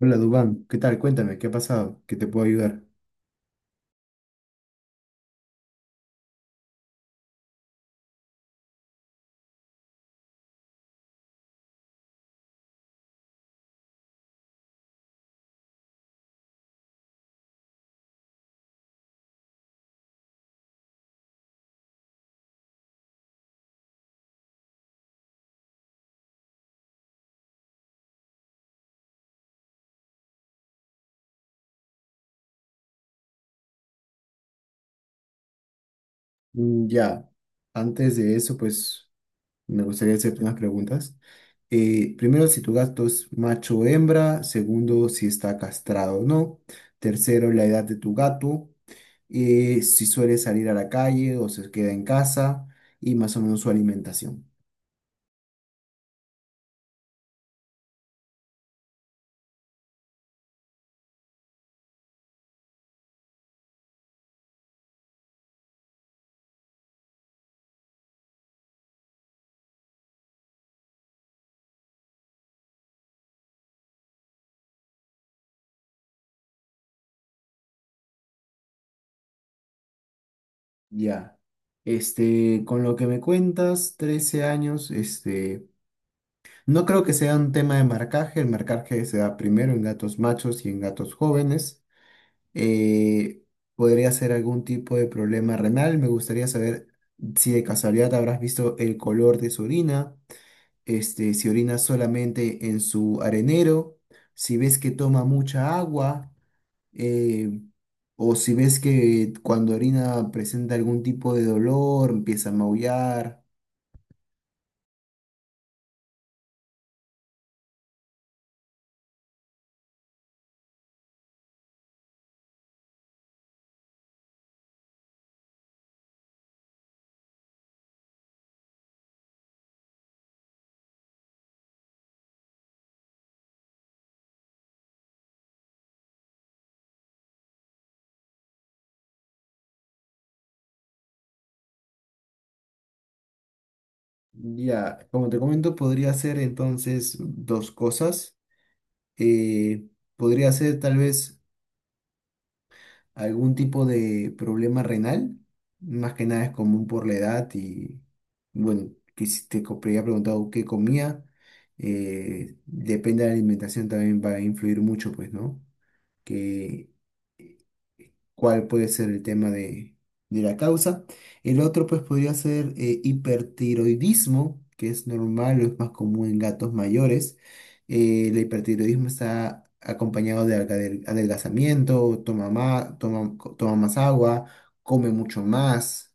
Hola Dubán, ¿qué tal? Cuéntame, ¿qué ha pasado? ¿Qué te puedo ayudar? Ya, antes de eso, pues me gustaría hacerte unas preguntas. Primero, si tu gato es macho o hembra. Segundo, si está castrado o no. Tercero, la edad de tu gato. Si suele salir a la calle o se queda en casa. Y más o menos su alimentación. Ya. Este, con lo que me cuentas, 13 años, este. No creo que sea un tema de marcaje, el marcaje se da primero en gatos machos y en gatos jóvenes. Eh, Podría ser algún tipo de problema renal, me gustaría saber si de casualidad habrás visto el color de su orina, este, si orina solamente en su arenero, si ves que toma mucha agua, eh, o si ves que cuando orina presenta algún tipo de dolor, empieza a maullar. Ya, como te comento, podría ser entonces dos cosas. Eh, Podría ser tal vez algún tipo de problema renal, más que nada es común por la edad y bueno, que si te había preguntado qué comía, depende de la alimentación también va a influir mucho, pues, ¿no? Que cuál puede ser el tema de la causa. El otro, pues, podría ser hipertiroidismo, que es normal o es más común en gatos mayores. El hipertiroidismo está acompañado de adelgazamiento, toma más, toma más agua, come mucho más.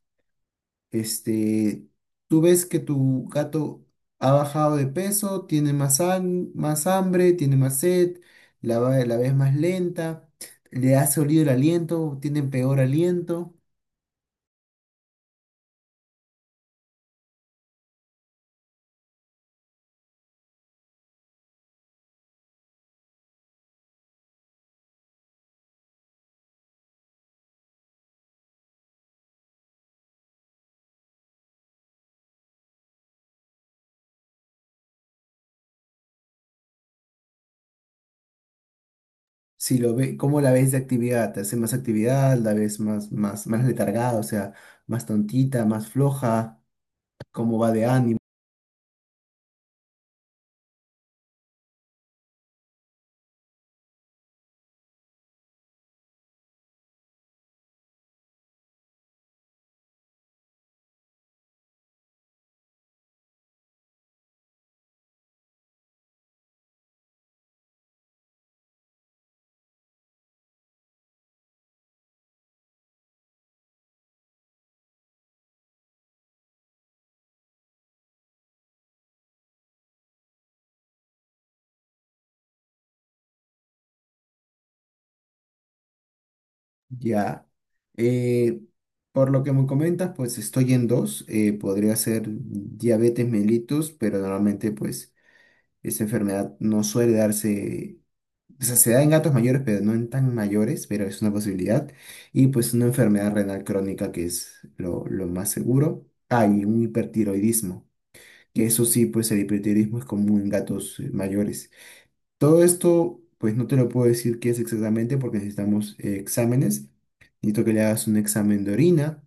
Este, tú ves que tu gato ha bajado de peso, tiene más, más hambre, tiene más sed, la ves más lenta, le ha oído el aliento, tiene peor aliento. Si lo ve, ¿cómo la ves de actividad? ¿Te hace más actividad? ¿La ves más, más letargada? O sea, más tontita, más floja. ¿Cómo va de ánimo? Ya. Eh, por lo que me comentas, pues estoy en dos. Podría ser diabetes mellitus, pero normalmente pues esta enfermedad no suele darse, o sea, se da en gatos mayores, pero no en tan mayores, pero es una posibilidad. Y pues una enfermedad renal crónica, que es lo más seguro. Ah, y un hipertiroidismo, que eso sí, pues el hipertiroidismo es común en gatos mayores. Todo esto, pues no te lo puedo decir qué es exactamente porque necesitamos exámenes. Necesito que le hagas un examen de orina,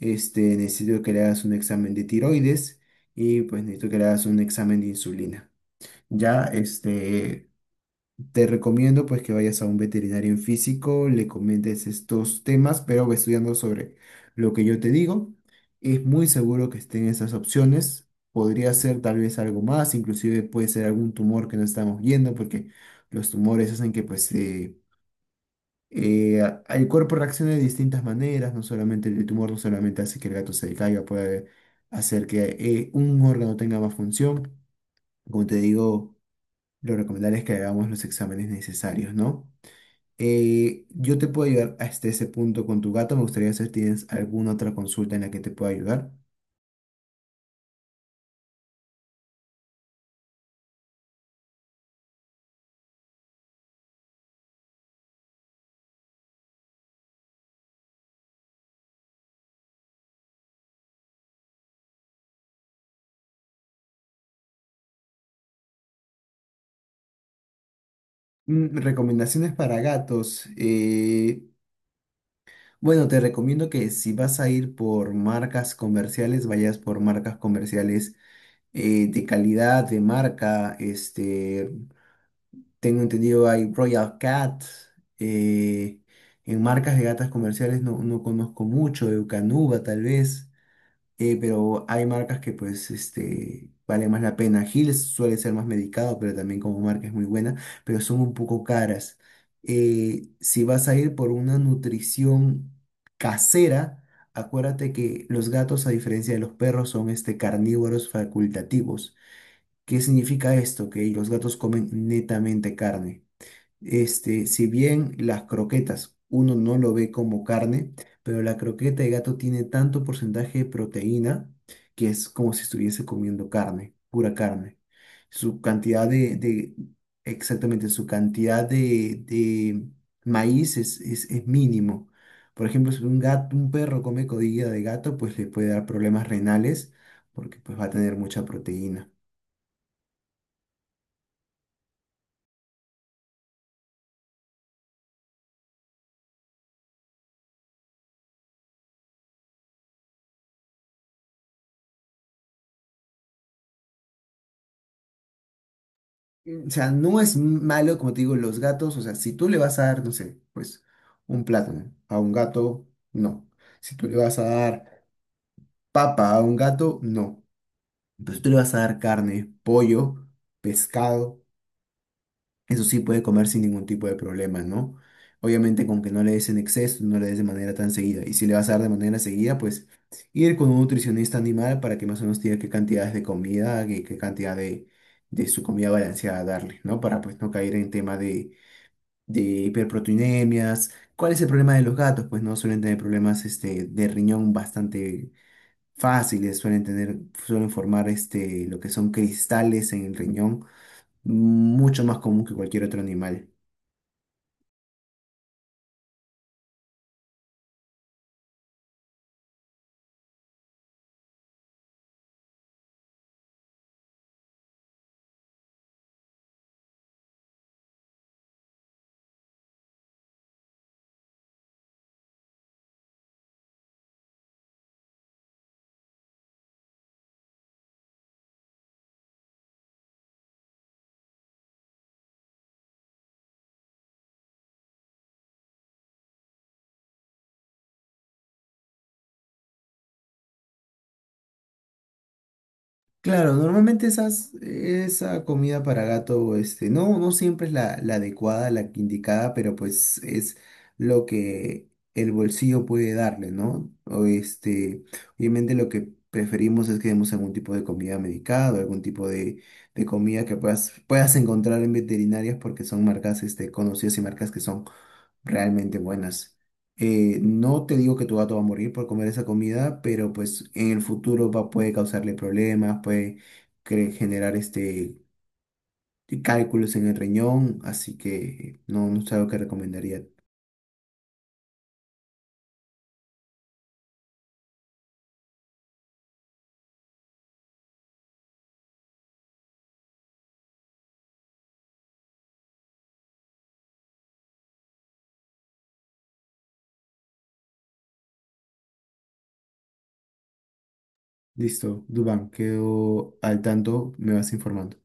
este, necesito que le hagas un examen de tiroides y pues necesito que le hagas un examen de insulina. Ya, este, te recomiendo pues que vayas a un veterinario en físico, le comentes estos temas, pero ve estudiando sobre lo que yo te digo. Es muy seguro que estén esas opciones. Podría ser tal vez algo más, inclusive puede ser algún tumor que no estamos viendo, porque los tumores hacen que pues el cuerpo reaccione de distintas maneras, no solamente el tumor, no solamente hace que el gato se caiga, puede hacer que un órgano tenga más función. Como te digo, lo recomendable es que hagamos los exámenes necesarios, ¿no? Yo te puedo ayudar hasta ese punto con tu gato. Me gustaría saber si tienes alguna otra consulta en la que te pueda ayudar. Mm, recomendaciones para gatos. Bueno, te recomiendo que si vas a ir por marcas comerciales, vayas por marcas comerciales de calidad, de marca. Este, tengo entendido hay Royal Cat. eh, en marcas de gatas comerciales no, no conozco mucho, Eukanuba tal vez. Pero hay marcas que pues este, vale más la pena. Hills suele ser más medicado, pero también como marca es muy buena, pero son un poco caras. Si vas a ir por una nutrición casera, acuérdate que los gatos, a diferencia de los perros, son este, carnívoros facultativos. ¿Qué significa esto? Que los gatos comen netamente carne. Este, si bien las croquetas uno no lo ve como carne, pero la croqueta de gato tiene tanto porcentaje de proteína que es como si estuviese comiendo carne, pura carne. Su cantidad de- exactamente, su cantidad de maíz es mínimo. Por ejemplo, si un gato, un perro come codilla de gato, pues le puede dar problemas renales porque pues va a tener mucha proteína. O sea, no es malo, como te digo, los gatos, o sea, si tú le vas a dar, no sé, pues un plátano a un gato, no. Si tú le vas a dar papa a un gato, no. Pero si tú le vas a dar carne, pollo, pescado, eso sí puede comer sin ningún tipo de problema, ¿no? Obviamente con que no le des en exceso, no le des de manera tan seguida. Y si le vas a dar de manera seguida, pues ir con un nutricionista animal para que más o menos te diga qué cantidades de comida, qué, qué cantidad de su comida balanceada darle, ¿no? Para pues no caer en tema de hiperproteinemias. ¿Cuál es el problema de los gatos? Pues no suelen tener problemas este, de riñón bastante fáciles, suelen tener, suelen formar este, lo que son cristales en el riñón, mucho más común que cualquier otro animal. Claro, normalmente esas, esa comida para gato, este, no, no siempre es la, la adecuada, la que indicada, pero pues es lo que el bolsillo puede darle, ¿no? O este, obviamente lo que preferimos es que demos algún tipo de comida medicada, o algún tipo de comida que puedas, puedas encontrar en veterinarias porque son marcas, este, conocidas y marcas que son realmente buenas. No te digo que tu gato va a morir por comer esa comida, pero pues en el futuro va, puede causarle problemas, puede generar este cálculos en el riñón, así que no, no es algo que recomendaría. Listo, Dubán, quedo al tanto, me vas informando.